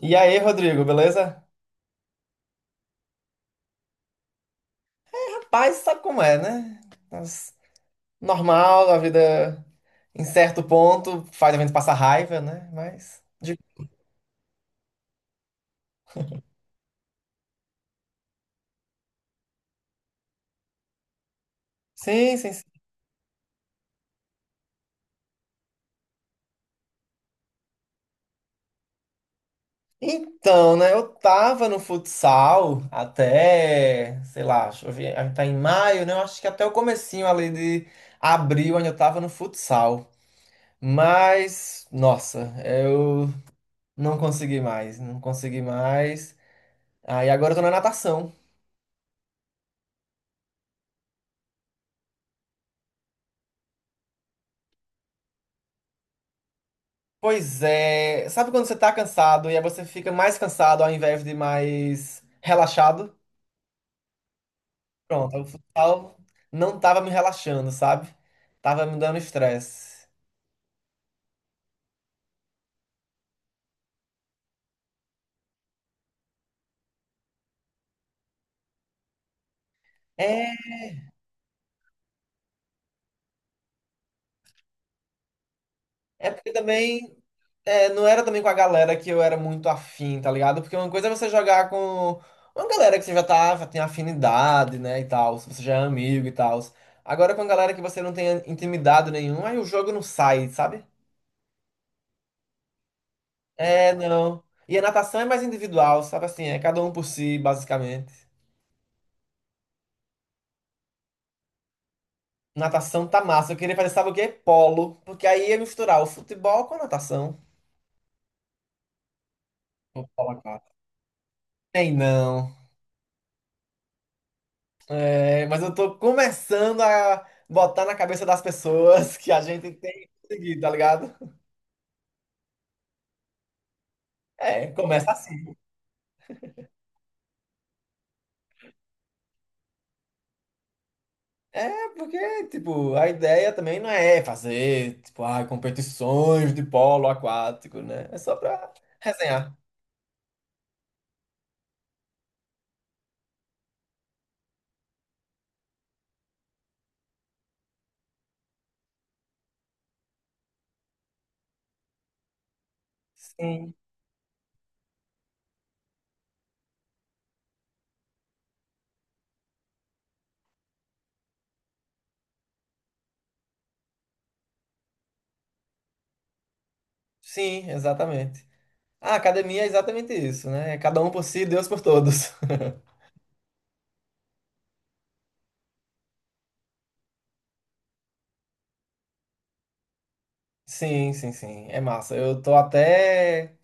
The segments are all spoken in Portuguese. E aí, Rodrigo, beleza? Rapaz, sabe como é, né? Mas normal, a vida em certo ponto faz a gente passar raiva, né? Mas. De- Sim, sim, sim. Então, né? Eu tava no futsal até, sei lá, deixa eu ver, a gente tá em maio, né? Eu acho que até o comecinho ali de abril ainda eu tava no futsal. Mas, nossa, eu não consegui mais. Aí agora eu tô na natação. Pois é, sabe quando você tá cansado e aí você fica mais cansado ao invés de mais relaxado? Pronto, o futsal não tava me relaxando, sabe? Tava me dando estresse. É, é porque também é, não era também com a galera que eu era muito afim, tá ligado? Porque uma coisa é você jogar com uma galera que você já tá, já tem afinidade, né, e tal, se você já é amigo e tal. Agora com a galera que você não tem intimidade nenhuma, aí o jogo não sai, sabe? É, não. E a natação é mais individual, sabe assim? É cada um por si, basicamente. Natação tá massa. Eu queria fazer, sabe o quê? Polo. Porque aí ia misturar o futebol com a natação. Vou colocar. Tem não. É, mas eu tô começando a botar na cabeça das pessoas que a gente tem que seguir, tá ligado? É, começa assim. É, porque, tipo, a ideia também não é fazer, tipo, ah, competições de polo aquático, né? É só pra resenhar. Sim, sim, exatamente. A academia é exatamente isso, né? É cada um por si, Deus por todos. Sim, sim, sim. É massa. Eu tô até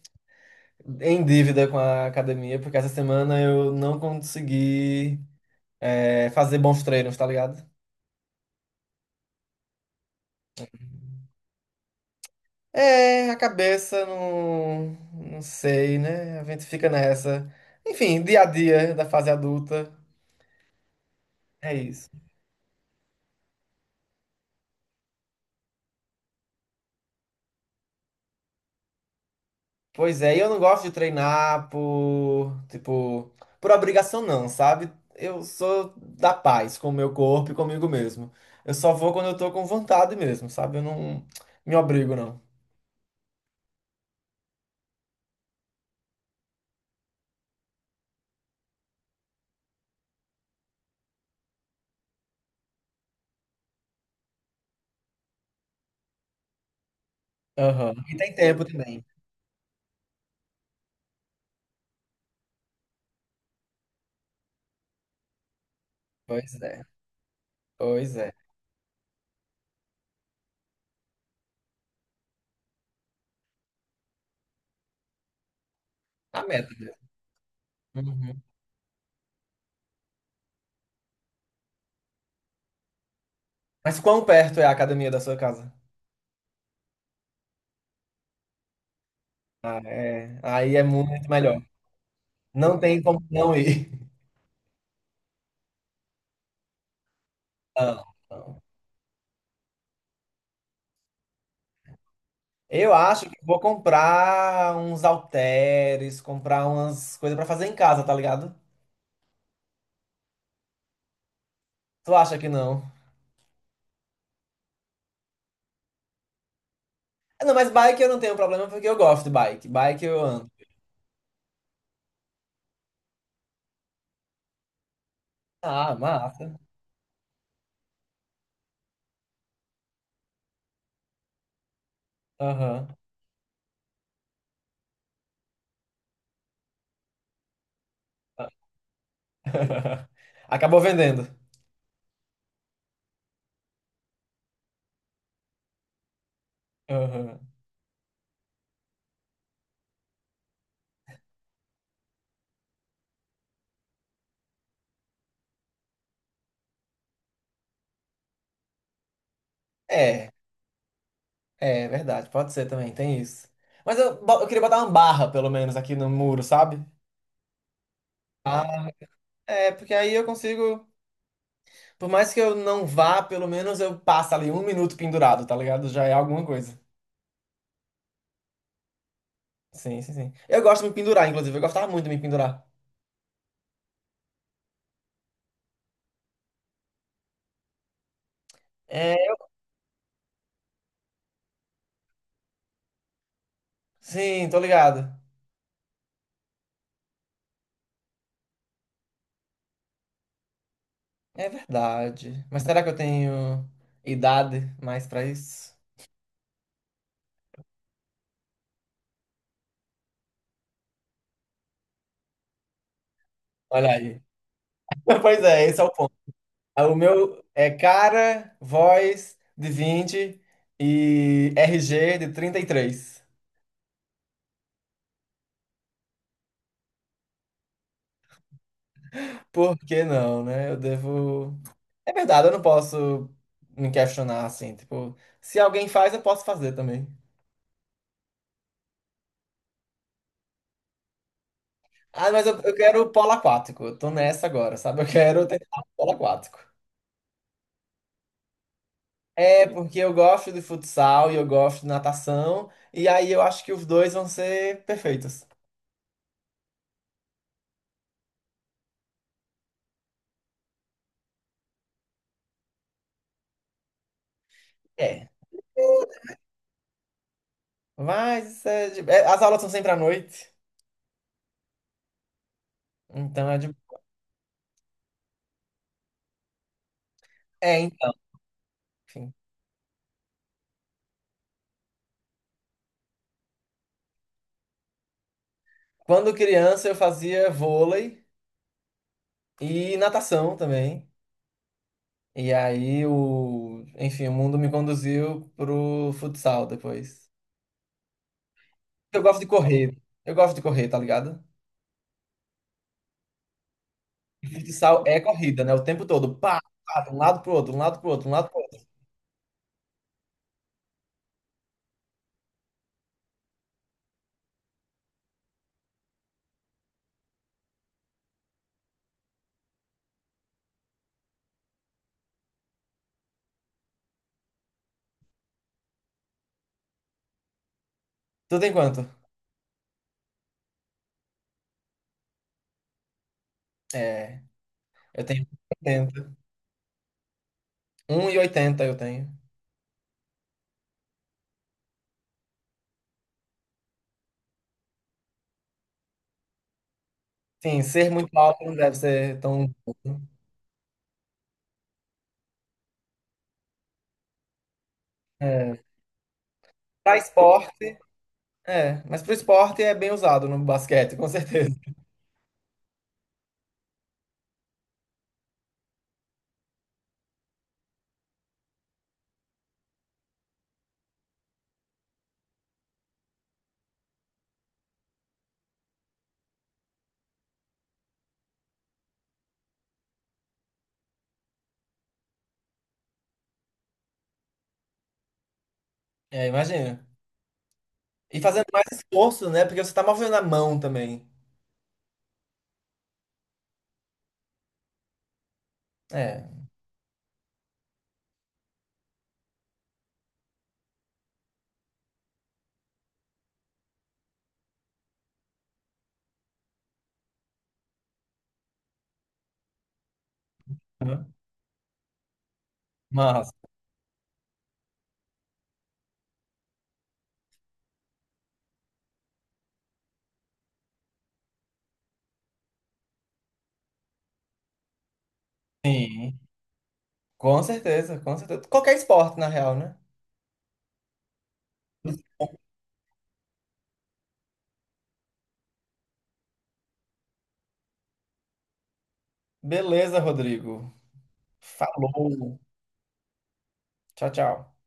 em dívida com a academia, porque essa semana eu não consegui, fazer bons treinos, tá ligado? É, a cabeça não, não sei, né? A gente fica nessa. Enfim, dia a dia da fase adulta. É isso. Pois é, e eu não gosto de treinar por, tipo, por obrigação não, sabe? Eu sou da paz com o meu corpo e comigo mesmo. Eu só vou quando eu tô com vontade mesmo, sabe? Eu não me obrigo, não. Aham. E tem tempo também. Pois é, pois é. A meta mesmo. Uhum. Mas quão perto é a academia da sua casa? Ah, é. Aí é muito melhor. Não tem como não ir. Não, não. Eu acho que vou comprar uns halteres, comprar umas coisas pra fazer em casa, tá ligado? Tu acha que não? Ah, não, mas bike eu não tenho problema porque eu gosto de bike. Bike eu ando. Ah, massa. Aham. Acabou vendendo. Aham. É, é verdade. Pode ser também, tem isso. Mas eu queria botar uma barra, pelo menos, aqui no muro, sabe? Ah, é, porque aí eu consigo. Por mais que eu não vá, pelo menos eu passo ali um minuto pendurado, tá ligado? Já é alguma coisa. Sim, sim, sim. Eu gosto de me pendurar, inclusive. Eu gostava muito de me pendurar. É, sim, tô ligado. É verdade. Mas será que eu tenho idade mais pra isso? Olha aí. Pois é, esse é o ponto. Ah, o meu é cara, voz de 20 e RG de 33. Por que não, né? Eu devo. É verdade, eu não posso me questionar assim. Tipo, se alguém faz, eu posso fazer também. Ah, mas eu quero o polo aquático. Eu tô nessa agora, sabe? Eu quero tentar o polo aquático. É, porque eu gosto de futsal e eu gosto de natação. E aí eu acho que os dois vão ser perfeitos. É. Mas isso é de- é, as aulas são sempre à noite. Então é de. É, então. Enfim. Quando criança eu fazia vôlei e natação também. E aí o. Enfim, o mundo me conduziu pro futsal depois. Eu gosto de correr. Eu gosto de correr, tá ligado? E futsal é corrida, né? O tempo todo. Pá, pá, de um lado pro outro, de um lado pro outro, de um lado pro outro. Tu tem quanto? É, eu tenho oitenta, um e oitenta eu tenho. Sim, ser muito alto não deve ser tão. É. Pra esporte, é. Mas pro esporte é bem usado no basquete, com certeza. É, imagina. E fazendo mais esforço, né? Porque você tá movendo a mão também. É. Uhum. Mas, sim. Com certeza, com certeza. Qualquer esporte, na real, né? Beleza, Rodrigo. Falou. Tchau, tchau.